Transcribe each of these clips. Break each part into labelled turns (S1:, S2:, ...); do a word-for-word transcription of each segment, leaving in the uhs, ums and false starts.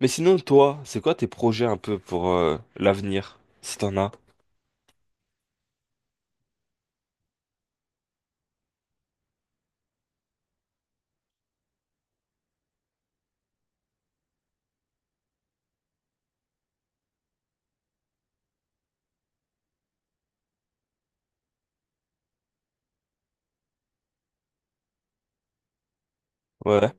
S1: Mais sinon, toi, c'est quoi tes projets un peu pour euh, l'avenir, si t'en as? Ouais,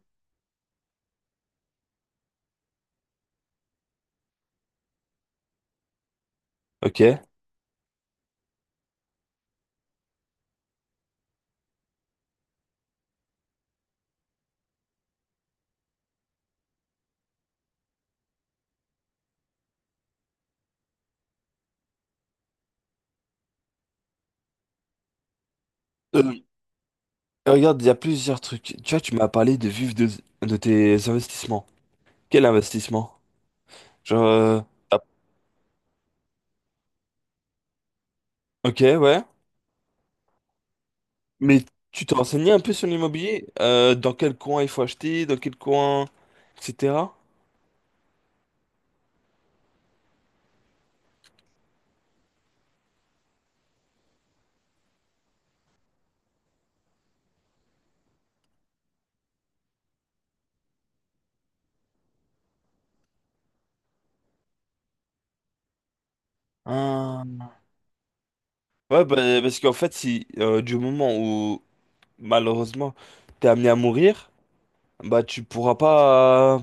S1: ok. Euh, Regarde, il y a plusieurs trucs. Tu vois, tu m'as parlé de vivre de, de tes investissements. Quel investissement? Genre, euh, ah, ok, ouais. Mais tu t'es renseigné un peu sur l'immobilier? Euh, dans quel coin il faut acheter, dans quel coin, et cetera. Ah. Ouais, bah, parce qu'en fait, si euh, du moment où malheureusement t'es amené à mourir, bah tu pourras pas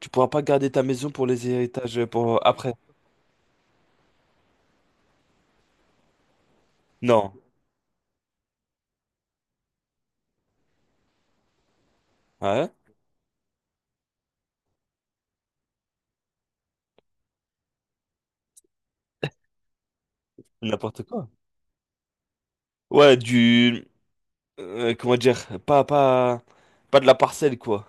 S1: Tu pourras pas garder ta maison pour les héritages, euh, pour après. Non. Ah, ouais, n'importe quoi. Ouais, du euh, comment dire, pas pas pas de la parcelle, quoi.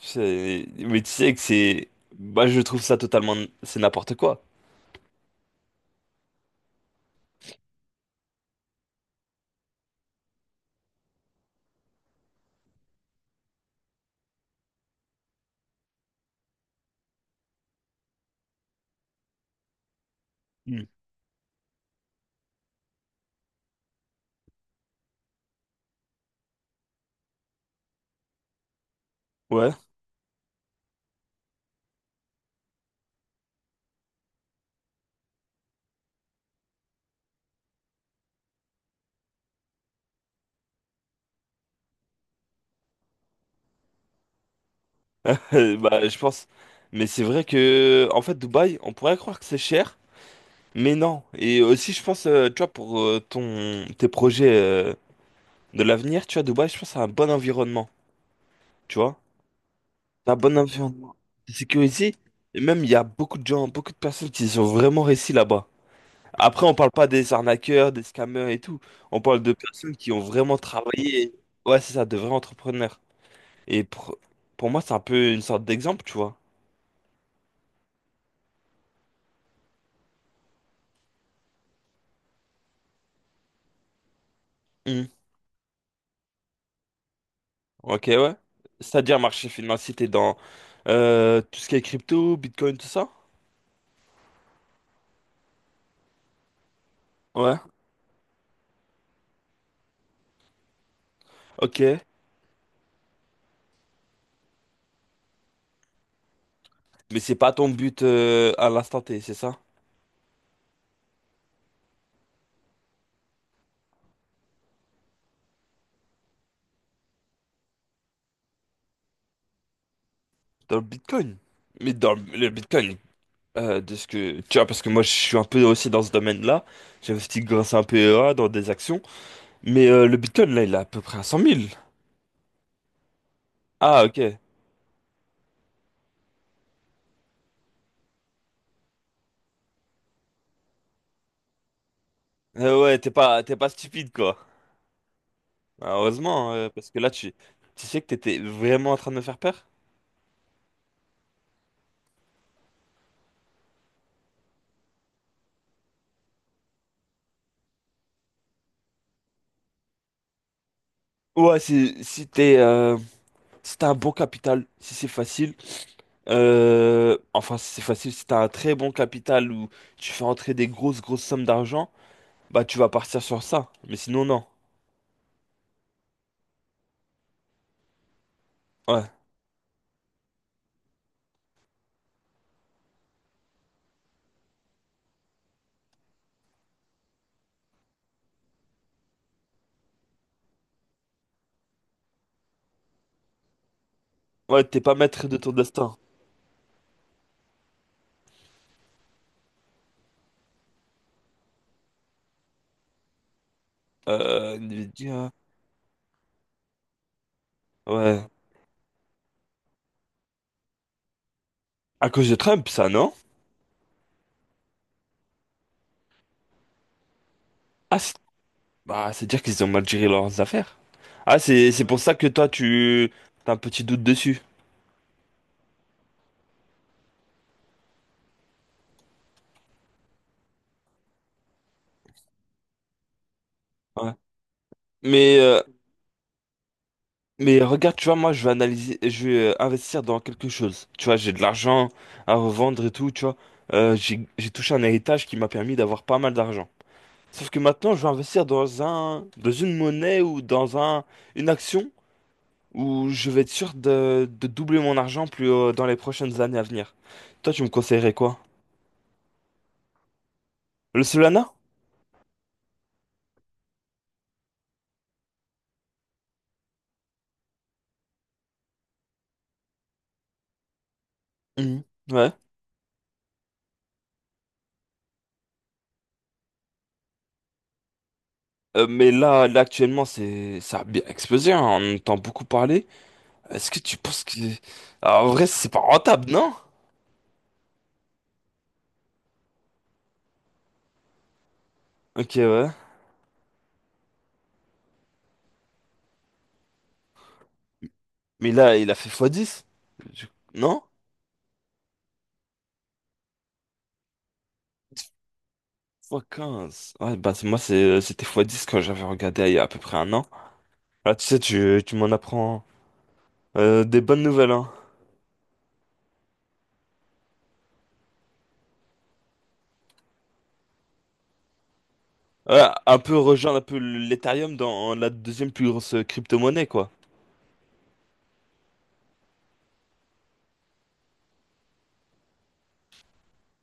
S1: C'est- Mais tu sais que c'est bah, je trouve ça totalement, c'est n'importe quoi. Hmm. Ouais. Euh, Bah, je pense, mais c'est vrai que en fait Dubaï, on pourrait croire que c'est cher, mais non. Et aussi je pense euh, tu vois, pour euh, ton tes projets euh, de l'avenir, tu vois Dubaï, je pense c'est un bon environnement, tu vois. Un bon environnement de sécurité. Et même, il y a beaucoup de gens, beaucoup de personnes qui sont vraiment réussi là-bas. Après, on parle pas des arnaqueurs, des scammers et tout. On parle de personnes qui ont vraiment travaillé. Ouais, c'est ça, de vrais entrepreneurs. Et pour, pour moi, c'est un peu une sorte d'exemple, tu vois. Hmm. Ok, ouais. C'est-à-dire marché financier, t'es dans euh, tout ce qui est crypto, Bitcoin, tout ça? Ouais. Ok. Mais c'est pas ton but, euh, à l'instant T, c'est ça? Dans le Bitcoin. Mais dans le Bitcoin, Euh, de ce que tu vois, parce que moi je suis un peu aussi dans ce domaine-là, j'investis grâce à un P E A dans des actions, mais euh, le Bitcoin là, il est à peu près à cent mille. Ah, ok. Euh, ouais, t'es pas t'es pas stupide, quoi. Heureusement, euh, parce que là, tu tu sais que t'étais vraiment en train de me faire peur. Ouais, si si t'es, euh, si t'as un bon capital, si c'est facile, euh, enfin si c'est facile, si t'as un très bon capital où tu fais entrer des grosses grosses sommes d'argent, bah tu vas partir sur ça, mais sinon non. Ouais, ouais, t'es pas maître de ton destin. Euh, Nvidia, ouais. À cause de Trump, ça, non? Ah, c'est bah, c'est dire qu'ils ont mal géré leurs affaires. Ah, c'est c'est pour ça que toi, tu t'as un petit doute dessus. Ouais. Mais, euh, mais regarde, tu vois, moi, je vais analyser, je vais euh, investir dans quelque chose. Tu vois, j'ai de l'argent à revendre et tout, tu vois. Euh, j'ai j'ai touché un héritage qui m'a permis d'avoir pas mal d'argent. Sauf que maintenant, je vais investir dans un, dans une monnaie ou dans un, une action, où je vais être sûr de, de doubler mon argent, plus euh, dans les prochaines années à venir. Toi, tu me conseillerais quoi? Le Solana? Mhm. Ouais. Euh, mais là, là actuellement, c'est ça a bien explosé, hein, on entend beaucoup parler. Est-ce que tu penses que... Ah, en vrai, c'est pas rentable, non? Ok, ouais. Mais là, il a fait fois dix. Je- Non? fois quinze. Ouais, bah c'est- moi, c'est- c'était fois dix quand j'avais regardé il y a à peu près un an. Là, tu sais, tu, tu m'en apprends euh, des bonnes nouvelles, hein. Ouais, un peu rejoindre un peu l'Ethereum dans la deuxième plus grosse crypto-monnaie, quoi.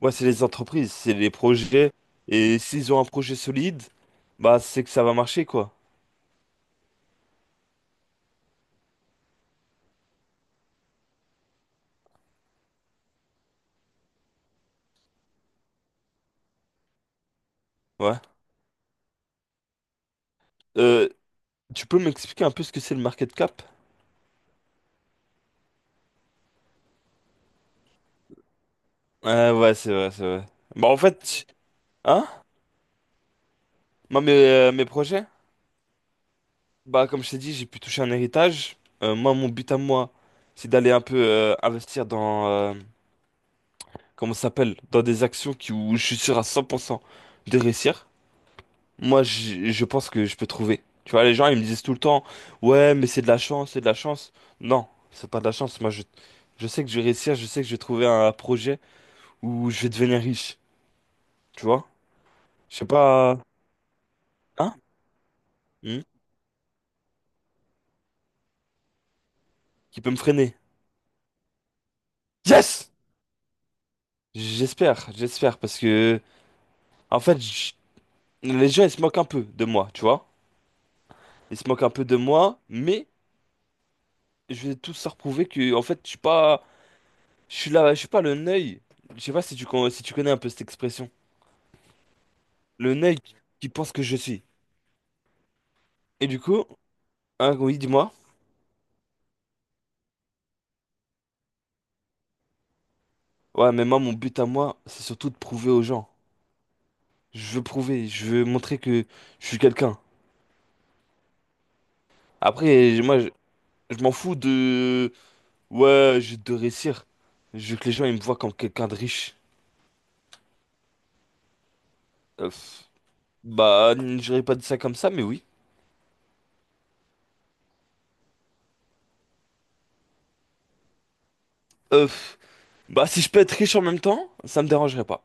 S1: Ouais, c'est les entreprises, c'est les projets. Et s'ils ont un projet solide, bah c'est que ça va marcher, quoi. Ouais. Euh, Tu peux m'expliquer un peu ce que c'est le market cap? Ouais, ouais, c'est vrai, c'est vrai. Bah en fait, hein? Moi, mes, euh, mes projets, bah comme je t'ai dit, j'ai pu toucher un héritage. Euh, moi, mon but à moi, c'est d'aller un peu euh, investir dans, euh, comment ça s'appelle? Dans des actions qui, où je suis sûr à cent pour cent de réussir. Moi, je, je pense que je peux trouver. Tu vois, les gens, ils me disent tout le temps, ouais, mais c'est de la chance, c'est de la chance. Non, c'est pas de la chance. Moi, je, je sais que je vais réussir, je sais que je vais trouver un projet où je vais devenir riche. Tu vois? Je sais pas, hein? Hmm. Qui peut me freiner. Yes! J'espère, j'espère, parce que, en fait, je- les gens, ils se moquent un peu de moi, tu vois? Ils se moquent un peu de moi, mais je vais tous leur prouver que, en fait, je suis pas, je suis là, je suis pas le neuil. Je sais pas si tu, con- si tu connais un peu cette expression. Le nègre qui pense que je suis. Et du coup, hein, oui, dis-moi. Ouais, mais moi, mon but à moi, c'est surtout de prouver aux gens. Je veux prouver, je veux montrer que je suis quelqu'un. Après, je- moi, je, je m'en fous de... Ouais, j'ai de réussir. Je veux que les gens, ils me voient comme quelqu'un de riche. Euh, pff, bah, j'aurais pas dit ça comme ça, mais oui. Euh, pff, bah, si je peux être riche en même temps, ça me dérangerait pas.